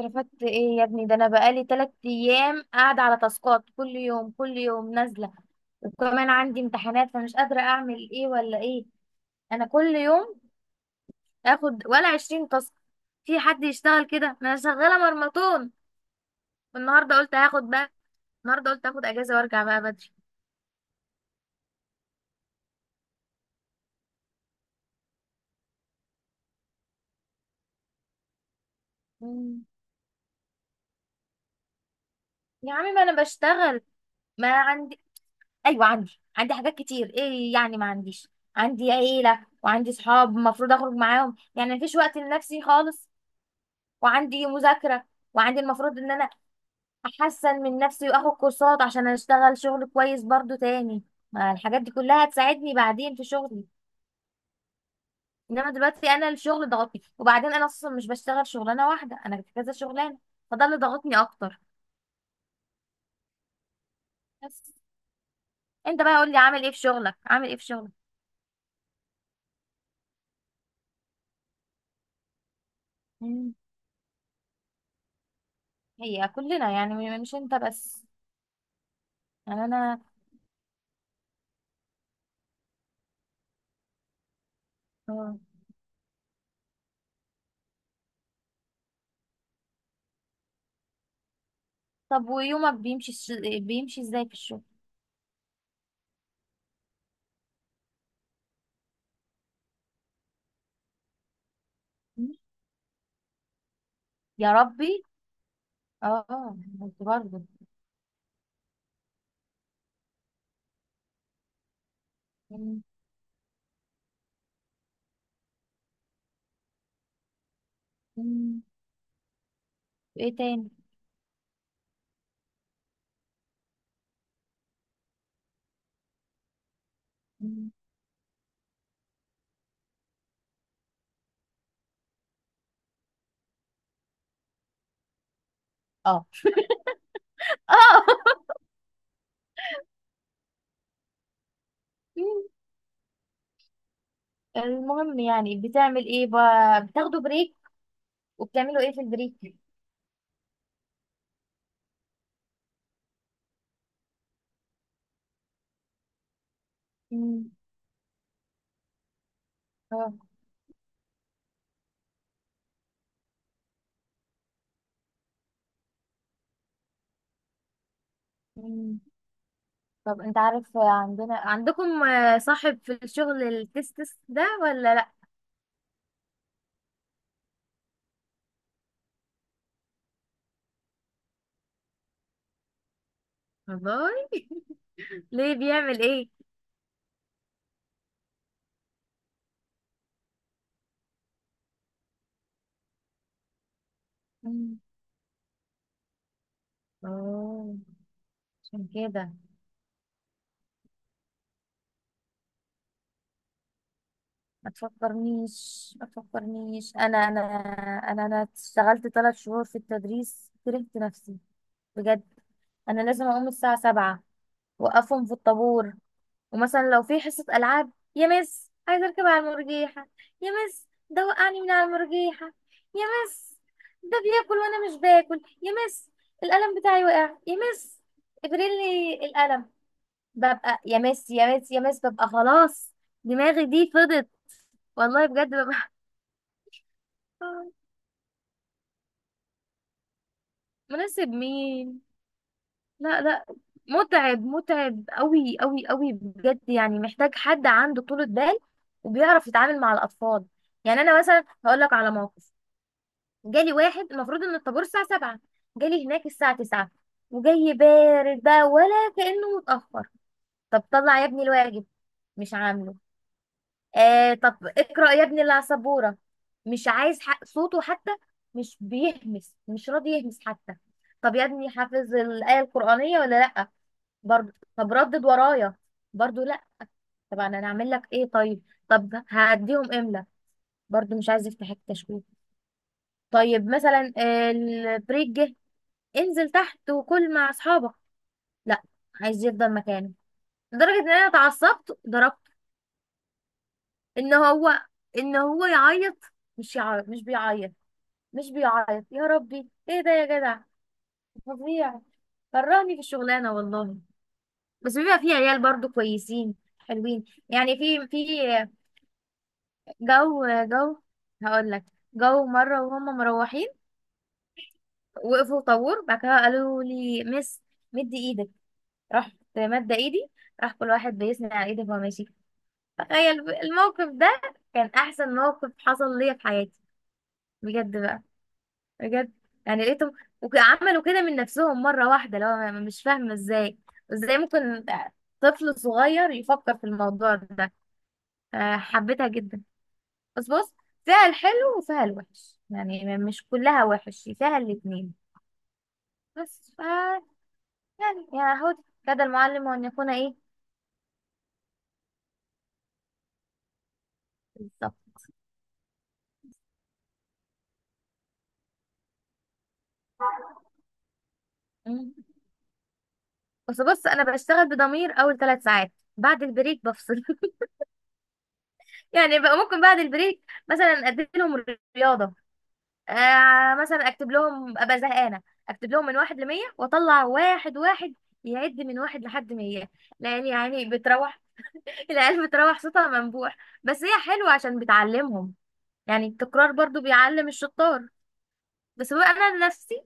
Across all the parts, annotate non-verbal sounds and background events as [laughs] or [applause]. رفدت ايه يا ابني؟ ده انا بقالي 3 ايام قاعده على تاسكات، كل يوم كل يوم نازله، وكمان عندي امتحانات فمش قادره اعمل ايه ولا ايه. انا كل يوم اخد ولا 20 تاسك. في حد يشتغل كده؟ ما انا شغاله مرمطون. والنهارده قلت هاخد بقى، النهارده قلت اخد اجازه وارجع بقى بدري. مم. يا عمي ما انا بشتغل، ما عندي. ايوه عندي حاجات كتير، ايه يعني ما عنديش؟ عندي عيله وعندي صحاب المفروض اخرج معاهم، يعني مفيش وقت لنفسي خالص. وعندي مذاكرة، وعندي المفروض ان انا احسن من نفسي واخد كورسات عشان اشتغل شغل كويس برضو تاني، ما الحاجات دي كلها هتساعدني بعدين في شغلي. انما دلوقتي انا الشغل ضغطني، وبعدين انا اصلا مش بشتغل شغلانة واحدة، انا في كذا شغلانة، فده اللي ضغطني اكتر. بس انت بقى قول لي عامل ايه في شغلك، عامل ايه في شغلك؟ مم. هي كلنا يعني، مش انت بس. يعني انا. آه. طب ويومك بيمشي بيمشي ازاي في الشغل؟ مم. يا ربي. اه، آه، برضه، برضه. مم. وايه تاني؟ مم. اه [laughs] اه. مم. المهم يعني بتعمل ايه بقى، بتاخدوا بريك وبتعملوا ايه في البريك؟ مم. اه. مم. طب انت عارف عندكم صاحب في الشغل التستس ده ولا لا؟ والله. ليه بيعمل ايه؟ مم. اه. عشان كده. ما تفكرنيش ما تفكرنيش، انا اشتغلت 3 شهور في التدريس، كرهت نفسي، بجد. انا لازم اقوم الساعة 7، وقفهم في الطابور، ومثلا لو في حصة ألعاب: يا مس عايزة أركب على المرجيحة، يا مس ده وقعني من على المرجيحة، يا مس ده بياكل وأنا مش باكل يا مس، القلم بتاعي وقع يا مس، ابريلي القلم. ببقى يا مس يا مس يا مس ببقى خلاص، دماغي دي فضت والله بجد ببقى. [laughs] مناسب مين؟ لا لا، متعب متعب قوي قوي قوي بجد، يعني محتاج حد عنده طولة بال وبيعرف يتعامل مع الأطفال. يعني أنا مثلا هقول لك على موقف: جالي واحد المفروض إن الطابور الساعة 7، جالي هناك الساعة 9 وجاي بارد بقى، ولا كأنه متأخر. طب طلع يا ابني الواجب، مش عامله. آه طب اقرأ يا ابني اللي على السبورة، مش عايز حق صوته حتى، مش بيهمس، مش راضي يهمس حتى. طب يا ابني حافظ الآية القرآنية ولا لأ؟ برضه. طب ردد ورايا، برضه لا. طب انا هعمل لك ايه طيب؟ طب هعديهم املا، برضه مش عايز يفتح التشويه. طيب مثلا البريك جه، انزل تحت وكل مع اصحابك، لا عايز يفضل مكانه. لدرجه ان انا اتعصبت ضربته. ان هو ان هو يعيط، مش يعيط مش بيعيط. يا ربي ايه ده يا جدع، فظيع، كرهني في الشغلانه والله. بس بيبقى في عيال برضه كويسين حلوين يعني، في جو. هقول لك، جو مرة وهم مروحين وقفوا طابور، بعد كده قالوا لي مس مدي ايدك، رحت مادة ايدي، راح كل واحد بيسند على ايدي وهو ماشي. تخيل الموقف ده، كان احسن موقف حصل ليا في حياتي، بجد بقى، بجد. يعني لقيتهم وعملوا كده من نفسهم مرة واحدة، لو أنا مش فاهمة ازاي، ازاي ممكن طفل صغير يفكر في الموضوع ده؟ حبيتها جدا. بس بص، فيها الحلو وفيها الوحش، يعني مش كلها وحش، فيها الاتنين. بس ف، يعني يا هود كاد المعلم وأن يكون إيه. بالظبط. مم. بس بص، أنا بشتغل بضمير أول 3 ساعات، بعد البريك بفصل. [laughs] يعني بقى ممكن بعد البريك مثلا أدي لهم رياضة، مثلا أكتب لهم أبقى زهقانة، أكتب لهم من واحد لـ100 وأطلع واحد واحد يعد من واحد لحد 100. لأن يعني بتروح، [laughs] العيال بتروح صوتها منبوح، بس هي حلوة عشان بتعلمهم، يعني التكرار برضو بيعلم الشطار. بس بقى انا نفسي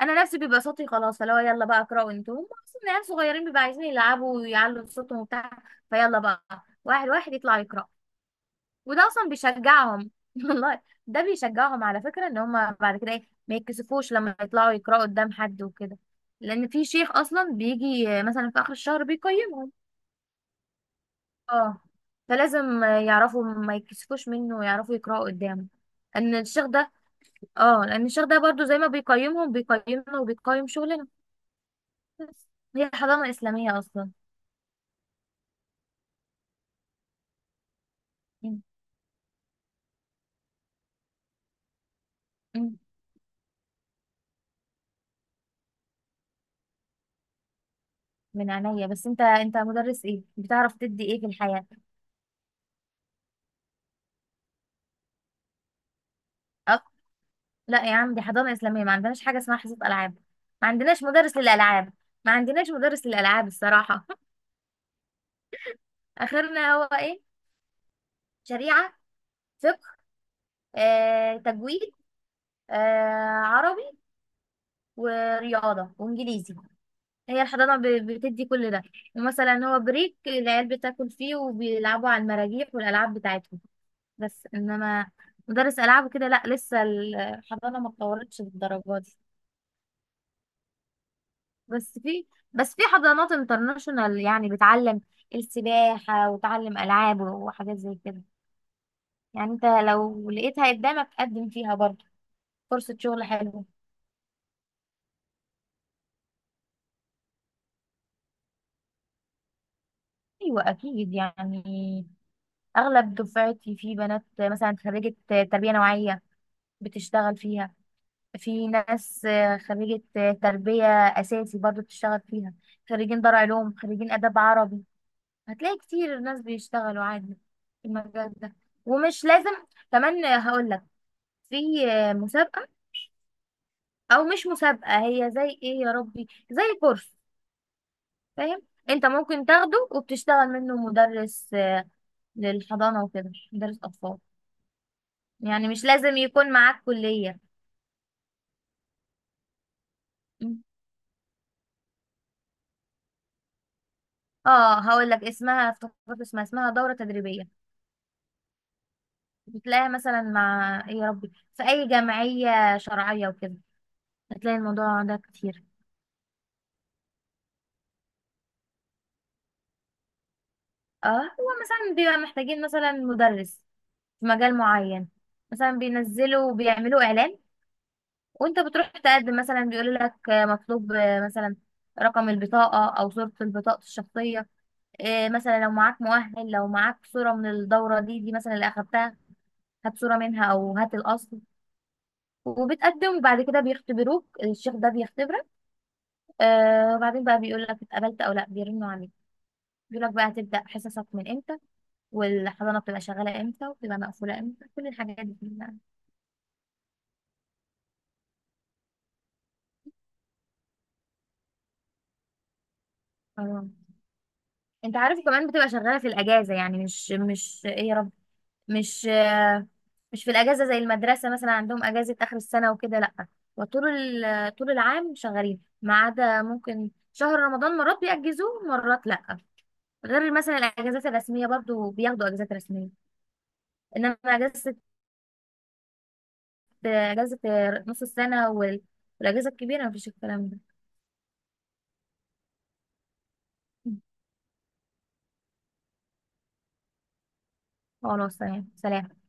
انا نفسي بيبقى صوتي خلاص، فلو يلا بقى اقرأوا انتوا، هم اصلا عيال صغيرين بيبقى عايزين يلعبوا ويعلوا صوتهم وبتاع، فيلا بقى واحد واحد يطلع يقرأ، وده اصلا بيشجعهم [laughs] والله. ده بيشجعهم على فكرة ان هم بعد كده ايه ما يتكسفوش لما يطلعوا يقرأوا قدام حد وكده، لان في شيخ اصلا بيجي مثلا في اخر الشهر بيقيمهم. اه، فلازم يعرفوا ما يتكسفوش منه ويعرفوا يقرأوا قدامه، ان الشيخ ده، اه لان الشيخ ده برضو زي ما بيقيمهم بيقيمنا وبيقيم شغلنا، بس هي حضانة إسلامية أصلا. مم. مم. من عينيا، بس انت مدرس ايه، بتعرف تدي ايه في الحياة؟ أك... لا يا عم، دي حضانة إسلامية، ما عندناش حاجة اسمها حصة ألعاب، ما عندناش مدرس للألعاب، ما عندناش مدرس للألعاب الصراحة. [laughs] آخرنا هو ايه؟ شريعة، فقه، تجويد، آه، عربي، ورياضة وإنجليزي. هي الحضانة بتدي كل ده، ومثلا هو بريك العيال بتاكل فيه وبيلعبوا على المراجيح والألعاب بتاعتهم، بس إنما مدرس ألعاب وكده لأ، لسه الحضانة ما اتطورتش للدرجة دي. بس في بس في حضانات انترناشونال يعني بتعلم السباحة وتعلم ألعاب وحاجات زي كده. يعني انت لو لقيتها قدامك قدم فيها برضه، فرصة شغل حلوة. أيوة أكيد يعني، أغلب دفعتي في بنات مثلا خريجة تربية نوعية بتشتغل فيها، في ناس خريجة تربية أساسي برضو بتشتغل فيها، خريجين دار علوم، خريجين آداب عربي، هتلاقي كتير ناس بيشتغلوا عادي في المجال ده. ومش لازم كمان، هقول لك، في مسابقة، أو مش مسابقة، هي زي إيه يا ربي، زي كورس، فاهم؟ أنت ممكن تاخده وبتشتغل منه مدرس للحضانة وكده، مدرس أطفال، يعني مش لازم يكون معاك كلية. م. اه هقول لك اسمها، افتكرت اسمها، اسمها دورة تدريبية، بتلاقيها مثلا مع ايه يا ربي في اي جمعية شرعية وكده، هتلاقي الموضوع ده كتير. اه هو مثلا بيبقى محتاجين مثلا مدرس في مجال معين، مثلا بينزلوا وبيعملوا اعلان، وانت بتروح تقدم، مثلا بيقول لك مطلوب مثلا رقم البطاقة او صورة البطاقة الشخصية، مثلا لو معاك مؤهل، لو معاك صورة من الدورة دي مثلا اللي اخدتها، هات صورة منها او هات الاصل، وبتقدم وبعد كده بيختبروك، الشيخ ده بيختبرك. آه وبعدين بقى بيقول لك اتقبلت او لا، بيرنوا عليك، بيقول لك بقى هتبدا حصصك من امتى، والحضانه بتبقى شغاله امتى وبتبقى مقفوله امتى، كل الحاجات دي بقى. اه انت عارف كمان بتبقى شغاله في الاجازه، يعني مش ايه يا رب، مش آه مش في الاجازه زي المدرسه، مثلا عندهم اجازه اخر السنه وكده، لا. وطول ال- طول العام شغالين ما عدا ممكن شهر رمضان، مرات بيأجزوه مرات لا، غير مثلا الاجازات الرسميه برضو بياخدوا اجازات رسميه. انما اجازه، ده اجازه نص السنه والاجازه الكبيره مفيش الكلام ده. خلاص تمام سلام.